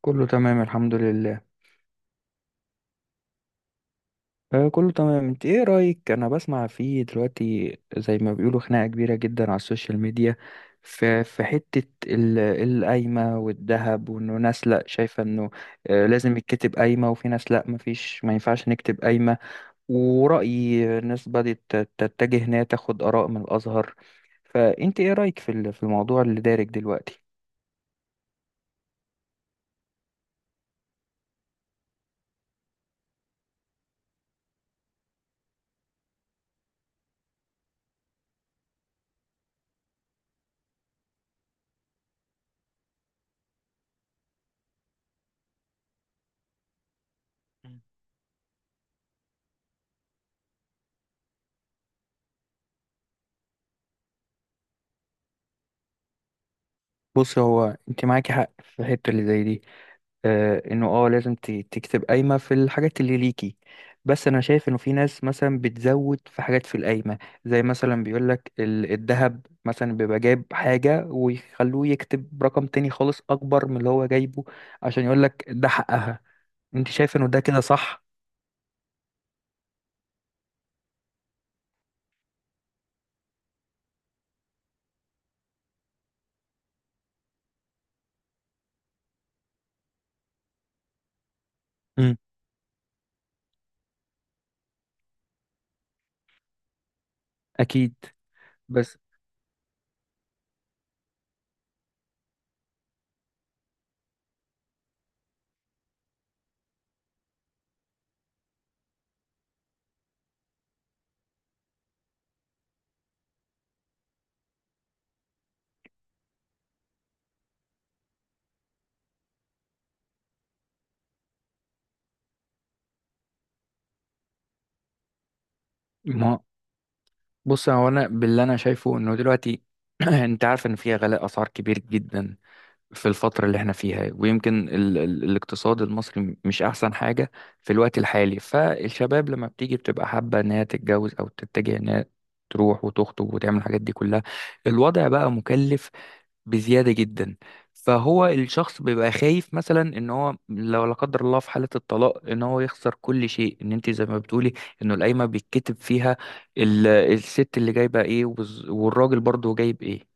كله تمام الحمد لله. آه، كله تمام. انت ايه رأيك؟ انا بسمع فيه دلوقتي زي ما بيقولوا خناقة كبيرة جدا على السوشيال ميديا في حتة القايمة والذهب، وانه ناس لا شايفة انه آه لازم يتكتب قايمة، وفي ناس لا مفيش ما ينفعش نكتب قايمة، ورأي ناس بدأت تتجه انها تاخد آراء من الأزهر. فانت ايه رأيك في الموضوع اللي دارج دلوقتي؟ مم. بص، هو انت معاكي حق في الحتة اللي زي دي، آه، انه اه لازم تكتب قايمة في الحاجات اللي ليكي. بس انا شايف انه في ناس مثلا بتزود في حاجات في القايمة، زي مثلا بيقولك الذهب مثلا بيبقى جايب حاجة ويخلوه يكتب رقم تاني خالص اكبر من اللي هو جايبه، عشان يقولك ده حقها. انت شايف انه ده كده صح؟ مم. اكيد. بس ما بص، هو انا باللي انا شايفه انه دلوقتي انت عارف ان في غلاء اسعار كبير جدا في الفترة اللي احنا فيها، ويمكن ال ال الاقتصاد المصري مش أحسن حاجة في الوقت الحالي. فالشباب لما بتيجي بتبقى حابة إنها تتجوز أو تتجه إنها تروح وتخطب وتعمل الحاجات دي كلها. الوضع بقى مكلف بزيادة جدا. فهو الشخص بيبقى خايف مثلا ان هو، لو لا قدر الله في حالة الطلاق، ان هو يخسر كل شيء. ان انت زي ما بتقولي انه القايمة بيتكتب فيها الست اللي جايبة ايه، والراجل برضه جايب ايه.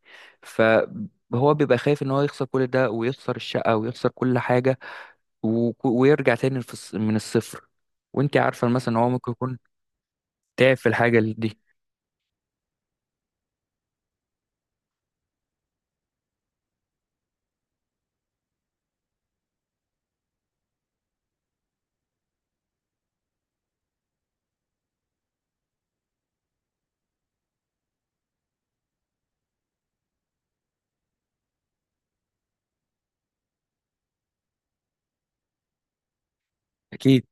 فهو بيبقى خايف ان هو يخسر كل ده، ويخسر الشقة ويخسر كل حاجة، ويرجع تاني من الصفر. وانت عارفة مثلا ان هو ممكن يكون تعب في الحاجة دي. اكيد.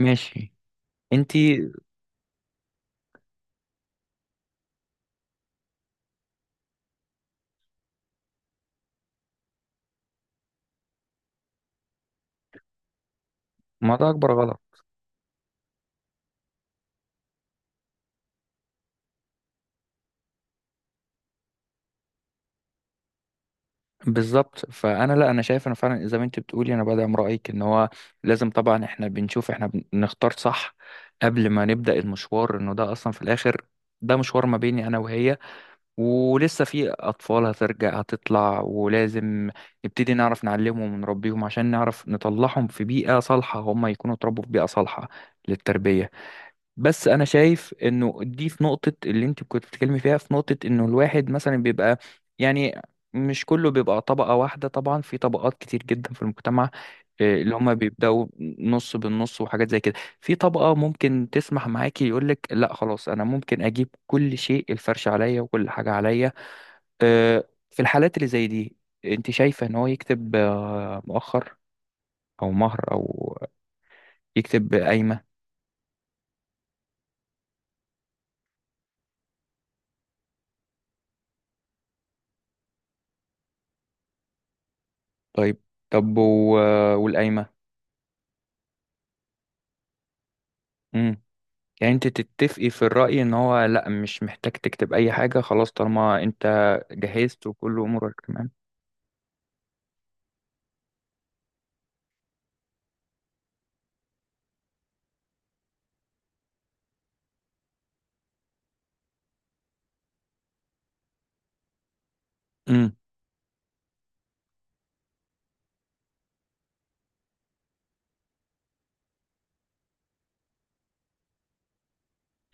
ماشي. انت ما ده اكبر غلط. بالظبط. فانا لا، انا شايف انا فعلا زي ما انت بتقولي، انا بدعم رايك ان هو لازم طبعا احنا بنشوف احنا بنختار صح قبل ما نبدا المشوار. انه ده اصلا في الاخر ده مشوار ما بيني انا وهي، ولسه في اطفال هترجع هتطلع، ولازم نبتدي نعرف نعلمهم ونربيهم عشان نعرف نطلعهم في بيئه صالحه. هم يكونوا اتربوا في بيئه صالحه للتربيه. بس انا شايف انه دي في نقطة اللي انت كنت بتتكلمي فيها، في نقطة انه الواحد مثلا بيبقى، يعني مش كله بيبقى طبقة واحدة. طبعا في طبقات كتير جدا في المجتمع، اللي هما بيبدأوا نص بالنص وحاجات زي كده. في طبقة ممكن تسمح معاكي، يقولك لا خلاص، انا ممكن اجيب كل شيء، الفرش عليا وكل حاجة عليا. آه، في الحالات اللي زي دي انت شايفة ان هو يكتب، آه، مؤخر او مهر، او يكتب قايمة؟ طيب. طب والقايمة؟ يعني انت تتفقي في الرأي ان هو لا مش محتاج تكتب اي حاجة خلاص طالما انت جهزت وكل امورك تمام؟ امم.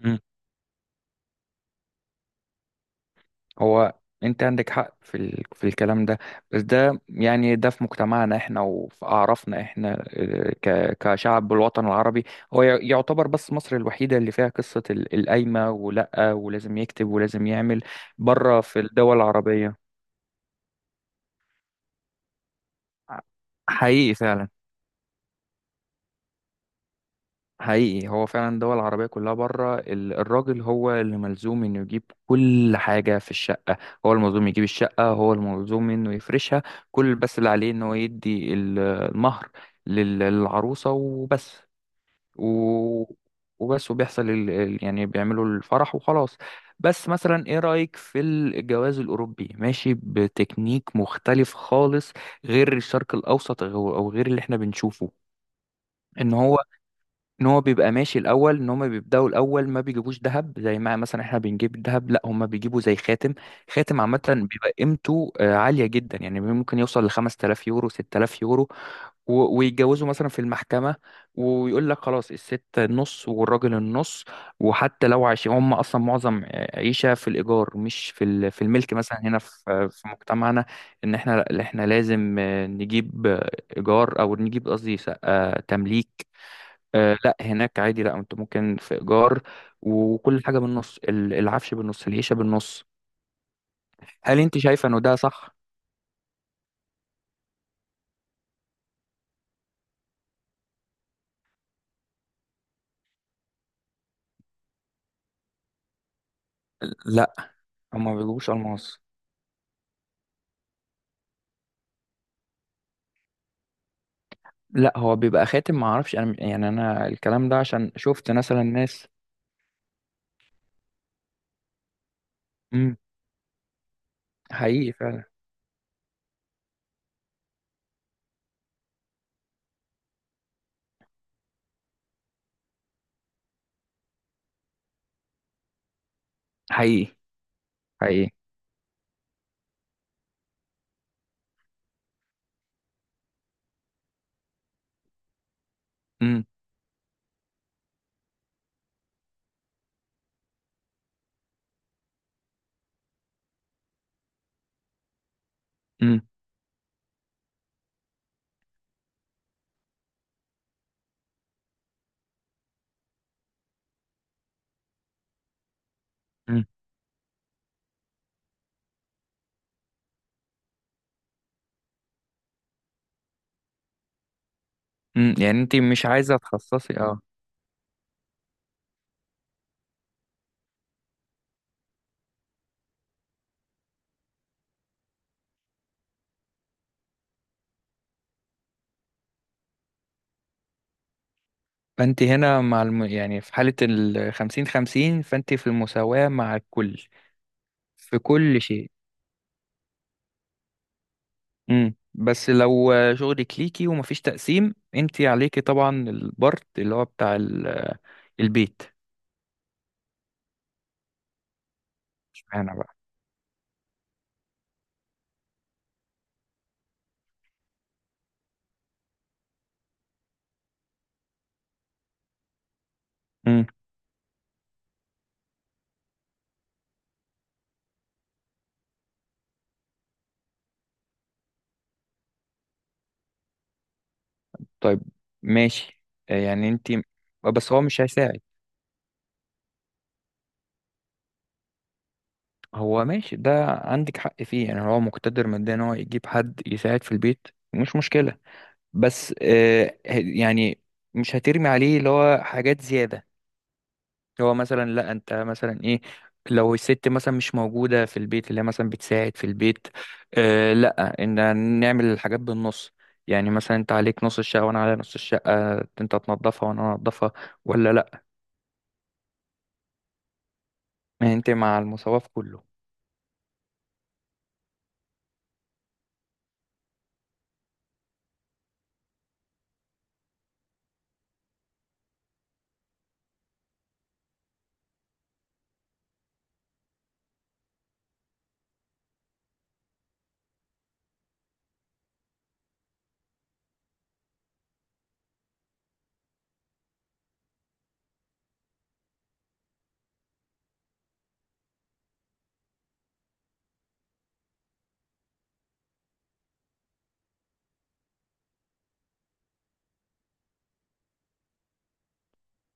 امم. هو انت عندك حق في في الكلام ده. بس ده يعني ده في مجتمعنا احنا وفي اعرافنا احنا اه، كشعب بالوطن العربي. هو يعتبر بس مصر الوحيدة اللي فيها قصة القايمة، ولا ولازم يكتب ولازم يعمل بره في الدول العربية؟ حقيقي، فعلا. حقيقي، هو فعلا الدول العربية كلها بره الراجل هو اللي ملزوم انه يجيب كل حاجة في الشقة. هو الملزوم يجيب الشقة، هو الملزوم انه يفرشها كل، بس اللي عليه ان هو يدي المهر للعروسة وبس. و... وبس، وبيحصل يعني بيعملوا الفرح وخلاص. بس مثلا ايه رأيك في الجواز الأوروبي؟ ماشي بتكنيك مختلف خالص، غير الشرق الأوسط او أو غير اللي احنا بنشوفه. ان هو ان هو بيبقى ماشي الاول، ان هما بيبداوا الاول ما بيجيبوش ذهب زي ما مثلا احنا بنجيب الذهب، لا هما بيجيبوا زي خاتم. خاتم عامه بيبقى قيمته آه، عاليه جدا، يعني ممكن يوصل ل 5000 يورو 6000 يورو. ويتجوزوا مثلا في المحكمه، ويقول لك خلاص الست النص والراجل النص، وحتى لو عايشين هم اصلا معظم آه، عيشه في الايجار مش في في الملك. مثلا هنا في آه، في مجتمعنا، ان احنا لازم آه، نجيب آه، ايجار او نجيب، قصدي آه، تمليك. آه لا، هناك عادي، لا انت ممكن في ايجار، وكل حاجه بالنص، العفش بالنص، العيشه بالنص. هل انت شايفه انه ده صح؟ لا هما ما بيجيبوش الماس. لا هو بيبقى خاتم، ما اعرفش انا، يعني انا الكلام ده عشان شفت مثلا ناس. امم. حقيقي، فعلا. حقيقي. حقيقي. امم. امم. امم. أمم. يعني انت مش عايزه تخصصي اه؟ فانت هنا مع يعني في حاله ال 50 50، فانت في المساواه مع الكل في كل شيء. امم. بس لو شغلك ليكي ومفيش تقسيم، انتي عليكي طبعا البارت اللي هو بتاع البيت. اشمعنى بقى؟ امم. طيب. ماشي. آه، يعني انتي، آه، بس هو مش هيساعد. هو ماشي، ده عندك حق فيه، يعني هو مقتدر ماديا ان هو يجيب حد يساعد في البيت، مش مشكلة. بس آه، يعني مش هترمي عليه اللي هو حاجات زيادة. هو مثلا لا، انت مثلا ايه، لو الست مثلا مش موجودة في البيت، اللي هي مثلا بتساعد في البيت، آه لا، ان نعمل الحاجات بالنص. يعني مثلا انت عليك نص الشقة وانا على نص الشقة، انت تنظفها وانا انظفها ولا لا؟ ما انت مع المساواة في كله.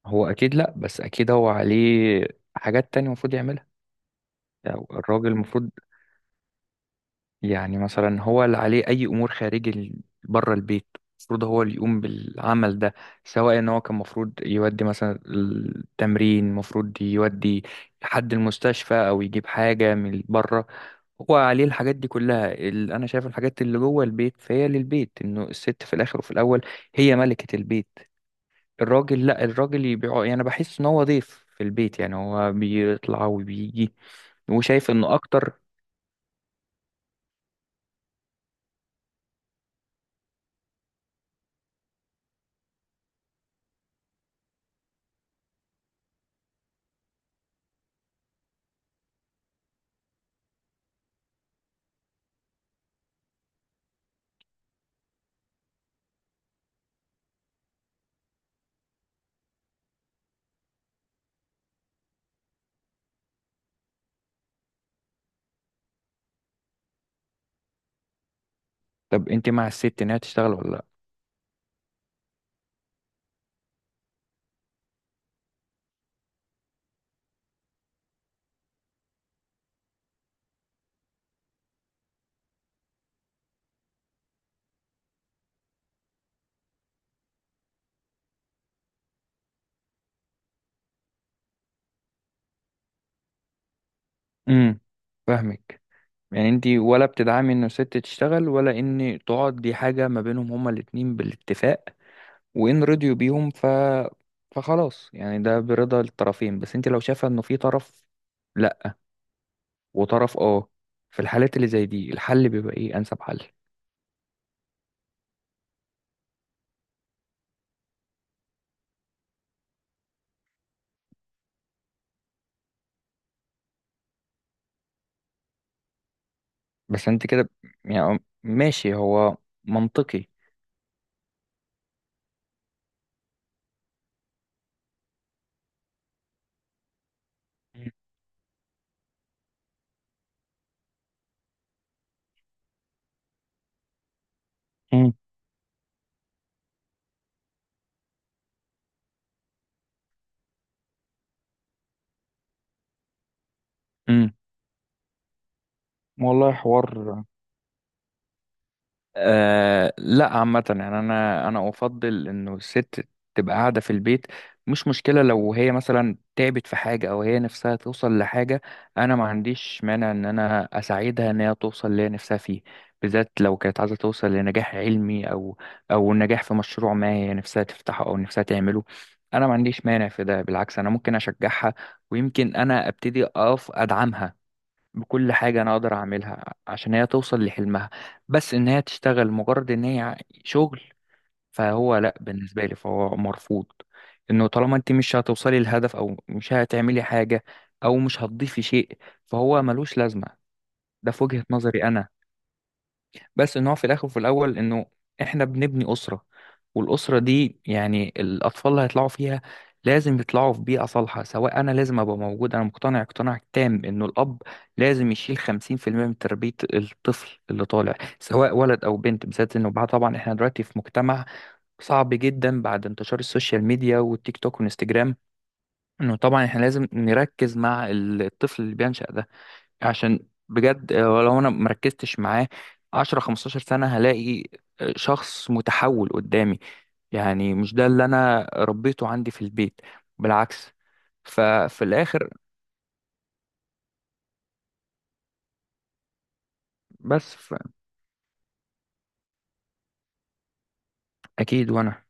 هو اكيد لا، بس اكيد هو عليه حاجات تانية المفروض يعملها. يعني الراجل المفروض، يعني مثلا هو اللي عليه أي أمور خارجي بره البيت، المفروض هو اللي يقوم بالعمل ده، سواء إن هو كان المفروض يودي مثلا التمرين، المفروض يودي حد المستشفى، أو يجيب حاجة من بره، هو عليه الحاجات دي كلها. أنا شايف الحاجات اللي جوه البيت فهي للبيت، إنه الست في الآخر وفي الأول هي ملكة البيت. الراجل لأ، الراجل يبيع، يعني بحس إن هو ضيف في البيت، يعني هو بيطلع وبيجي، وشايف إنه أكتر. طب أنت مع الست إنها تشتغل ولا؟ امم. فاهمك. يعني انتي ولا بتدعمي انه الست تشتغل، ولا ان تقعد، دي حاجة ما بينهم هما الاتنين بالاتفاق؟ وان رضيوا بيهم ف فخلاص، يعني ده برضا الطرفين. بس انتي لو شايفة انه في طرف لا وطرف اه، في الحالات اللي زي دي، الحل بيبقى ايه، انسب حل؟ بس انت كده، يعني ماشي، هو منطقي. مم. مم. والله حوار. آه لا، عامة يعني أنا، أنا أفضل إنه الست تبقى قاعدة في البيت. مش مشكلة لو هي مثلا تعبت في حاجة أو هي نفسها توصل لحاجة، أنا ما عنديش مانع إن أنا أساعدها إن هي توصل اللي هي نفسها فيه، بالذات لو كانت عايزة توصل لنجاح علمي أو أو نجاح في مشروع ما هي نفسها تفتحه أو نفسها تعمله. أنا ما عنديش مانع في ده، بالعكس أنا ممكن أشجعها، ويمكن أنا أبتدي أقف أدعمها بكل حاجة أنا أقدر أعملها عشان هي توصل لحلمها. بس إن هي تشتغل مجرد إن هي شغل، فهو لأ بالنسبة لي فهو مرفوض. إنه طالما أنت مش هتوصلي للهدف، أو مش هتعملي حاجة أو مش هتضيفي شيء، فهو ملوش لازمة. ده في وجهة نظري أنا. بس ان هو في الاخر وفي الاول انه احنا بنبني اسره، والاسره دي يعني الاطفال اللي هيطلعوا فيها لازم يطلعوا في بيئه صالحه. سواء، انا لازم ابقى موجود، انا مقتنع اقتناع تام انه الاب لازم يشيل 50% من تربيه الطفل اللي طالع، سواء ولد او بنت. بالذات انه بعد، طبعا احنا دلوقتي في مجتمع صعب جدا بعد انتشار السوشيال ميديا والتيك توك والانستجرام، انه طبعا احنا لازم نركز مع الطفل اللي بينشأ ده، عشان بجد آه، لو انا مركزتش معاه 10 15 سنة هلاقي آه، شخص متحول قدامي، يعني مش ده اللي انا ربيته عندي في البيت. بالعكس. ففي الاخر، بس اكيد. وانا